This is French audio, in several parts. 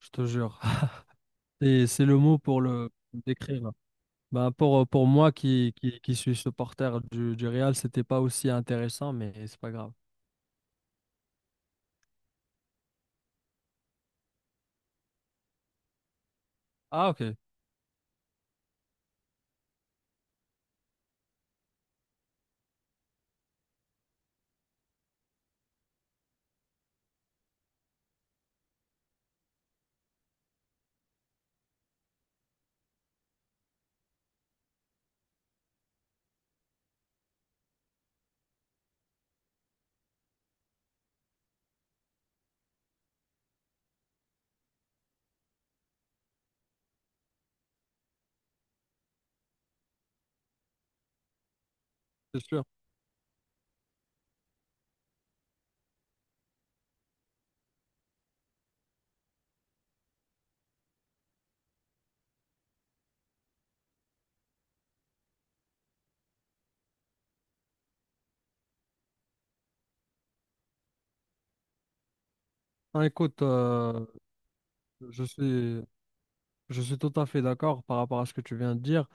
Je te jure. Et c'est le mot pour le décrire là. Pour moi qui suis supporter du Real, c'était pas aussi intéressant, mais c'est pas grave. Ah, ok, c'est sûr. Ah, écoute, je suis, je suis tout à fait d'accord par rapport à ce que tu viens de dire.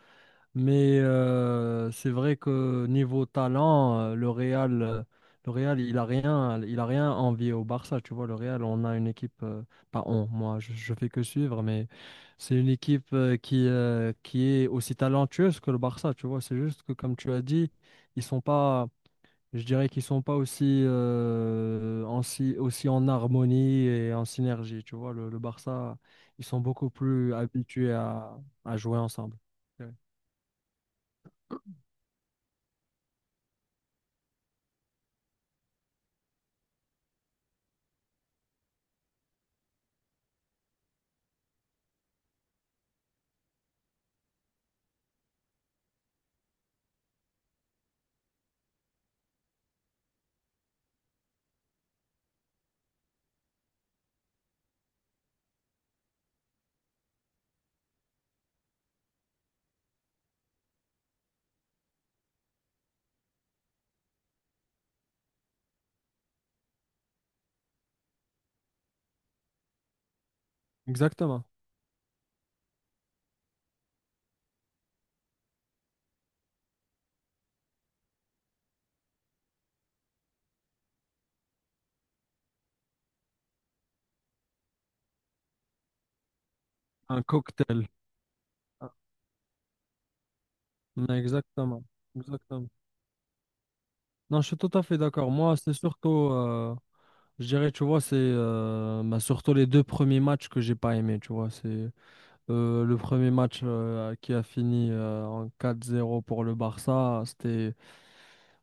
Mais c'est vrai que niveau talent, le Real, il a rien envié au Barça. Tu vois, le Real, on a une équipe, pas on, moi, je fais que suivre, mais c'est une équipe qui est aussi talentueuse que le Barça. Tu vois, c'est juste que comme tu as dit, ils sont pas, je dirais qu'ils sont pas aussi, en si- aussi en harmonie et en synergie. Tu vois, le Barça, ils sont beaucoup plus habitués à jouer ensemble. Ouais. Exactement. Un cocktail. Ah. Exactement. Exactement. Non, je suis tout à fait d'accord. Moi, c'est surtout, je dirais, tu vois, c'est bah, surtout les deux premiers matchs que j'ai pas aimé, tu vois. C'est le premier match qui a fini en 4-0 pour le Barça. C'était,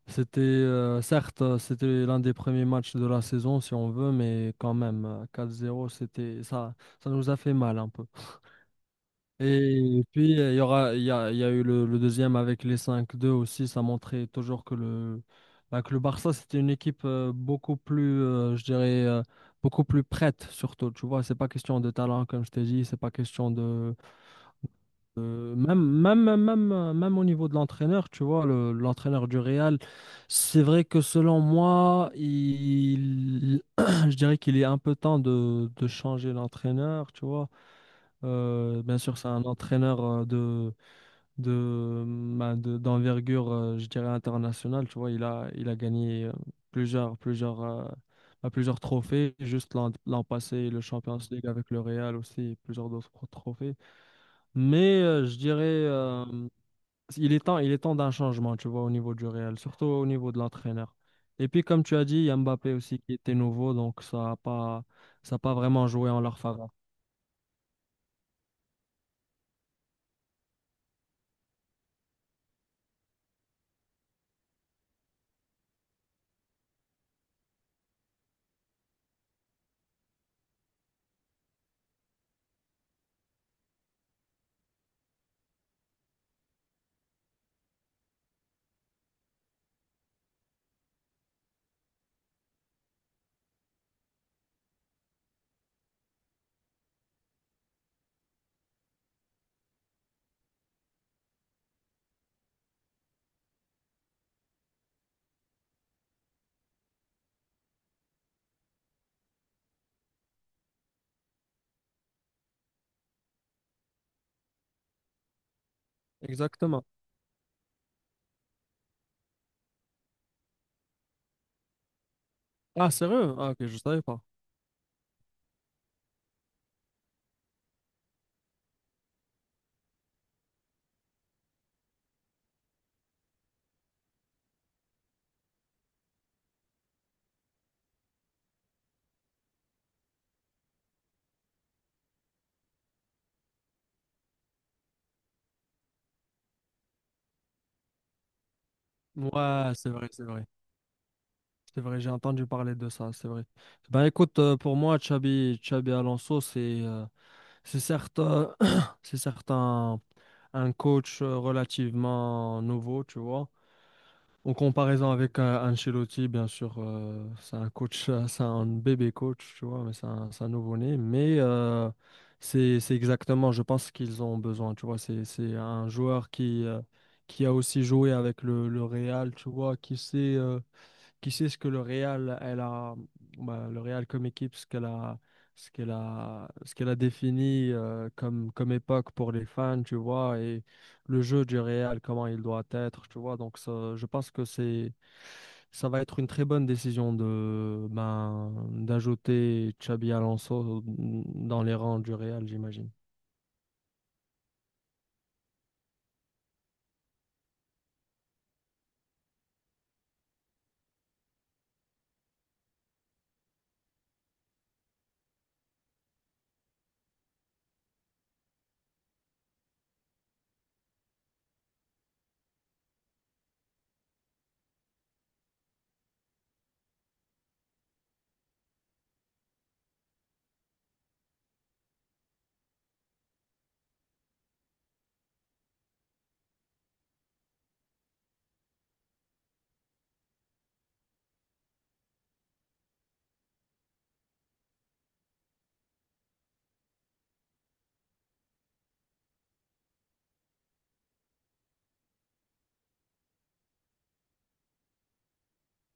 c'était certes, c'était l'un des premiers matchs de la saison, si on veut, mais quand même, 4-0, c'était ça, ça nous a fait mal un peu. Et puis, il y a eu le deuxième avec les cinq deux aussi. Ça montrait toujours que bah, que le Barça, c'était une équipe beaucoup plus, je dirais, beaucoup plus prête, surtout. Tu vois, c'est pas question de talent, comme je t'ai dit. C'est pas question de. Même, même, même, même même au niveau de l'entraîneur, tu vois, l'entraîneur du Real, c'est vrai que selon moi, il, je dirais qu'il est un peu temps de changer l'entraîneur, tu vois. Bien sûr, c'est un entraîneur de, ben, d'envergure, je dirais, internationale. Tu vois, il a gagné plusieurs, plusieurs, ben, plusieurs trophées, juste l'an passé, le Champions League avec le Real aussi, et plusieurs d'autres trophées. Mais je dirais, il est temps d'un changement, tu vois, au niveau du Real, surtout au niveau de l'entraîneur. Et puis, comme tu as dit, il y a Mbappé aussi qui était nouveau, donc ça a pas vraiment joué en leur faveur. Exactement. Ah, sérieux? Ah, ok, je savais pas. Ouais, c'est vrai, c'est vrai. C'est vrai, j'ai entendu parler de ça, c'est vrai. Ben écoute, pour moi, Xabi, Xabi Alonso, c'est certes, c'est certes un coach relativement nouveau, tu vois. En comparaison avec Ancelotti, bien sûr, c'est un coach, c'est un bébé coach, tu vois, mais c'est un nouveau-né. Mais c'est exactement, je pense qu'ils ont besoin, tu vois. C'est un joueur qui a aussi joué avec le Real, tu vois, qui sait. Qui sait ce que le Real, elle a, bah, le Real comme équipe, ce qu'elle a, ce qu'elle a, ce qu'elle a défini comme, comme époque pour les fans, tu vois, et le jeu du Real, comment il doit être, tu vois. Donc, ça, je pense que c'est, ça va être une très bonne décision de, ben, d'ajouter Xabi Alonso dans les rangs du Real, j'imagine.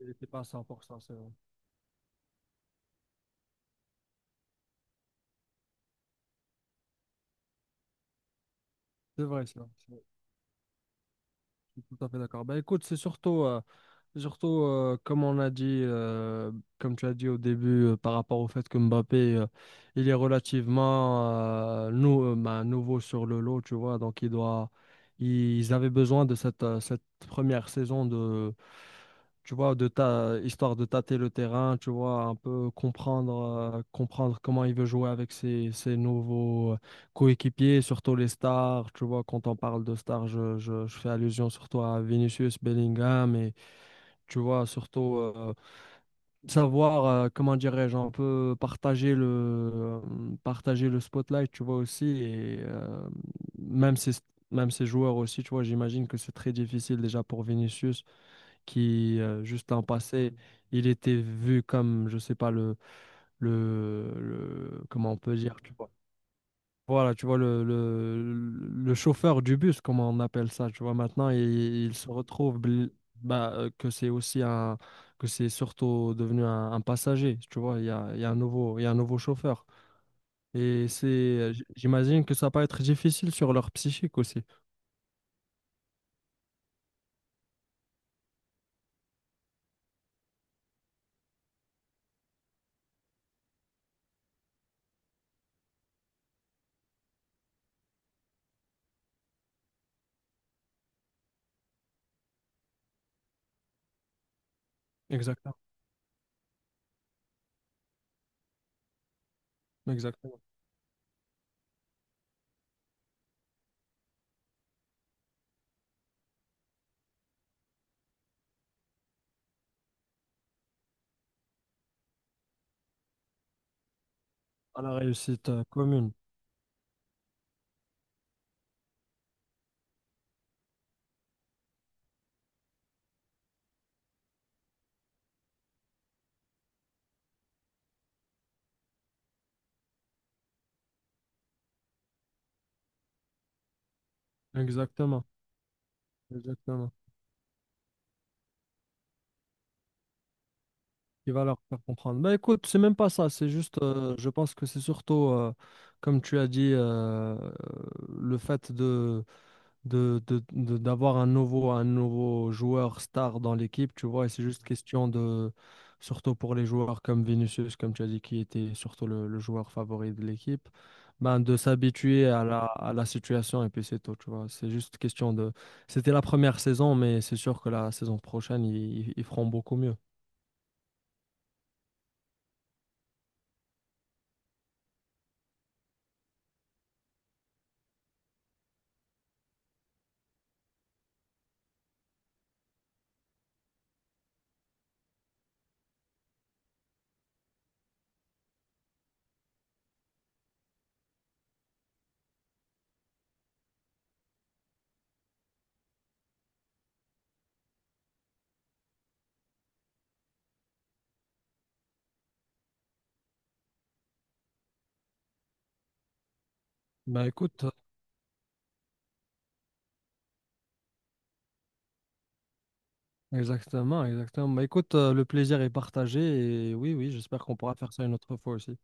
Il n'était pas à 100%, c'est vrai. C'est vrai, ça. Tout à fait d'accord. Bah, écoute, c'est surtout, surtout comme on a dit, comme tu as dit au début, par rapport au fait que Mbappé, il est relativement bah, nouveau sur le lot, tu vois. Donc, il doit, ils avaient besoin de cette, cette première saison de, tu vois, histoire de tâter le terrain, tu vois, un peu comprendre, comprendre comment il veut jouer avec ses, ses nouveaux coéquipiers, surtout les stars. Tu vois, quand on parle de stars, je, je fais allusion surtout à Vinicius, Bellingham et tu vois, surtout savoir, comment dirais-je, un peu euh, partager le spotlight, tu vois aussi. Et même ces, même ces joueurs aussi, tu vois, j'imagine que c'est très difficile déjà pour Vinicius qui, juste l'an passé, il était vu comme, je sais pas, le, comment on peut dire, tu vois voilà, tu vois, le chauffeur du bus, comme on appelle ça, tu vois, maintenant, il se retrouve bah, que c'est surtout devenu un passager, tu vois, il y a un nouveau, il y a un nouveau chauffeur. Et c'est, j'imagine que ça peut être difficile sur leur psychique aussi. Exactement, exactement. À la réussite commune. Exactement, exactement. Il va leur faire comprendre. Bah écoute, c'est même pas ça, c'est juste, je pense que c'est surtout, comme tu as dit, le fait de, d'avoir un nouveau joueur star dans l'équipe, tu vois, et c'est juste question de, surtout pour les joueurs comme Vinicius, comme tu as dit, qui était surtout le joueur favori de l'équipe, ben de s'habituer à la situation et puis c'est tout, tu vois. C'est juste question de… C'était la première saison, mais c'est sûr que la saison prochaine, ils feront beaucoup mieux. Bah écoute. Exactement, exactement. Bah, écoute, le plaisir est partagé et oui, oui, j'espère qu'on pourra faire ça une autre fois aussi.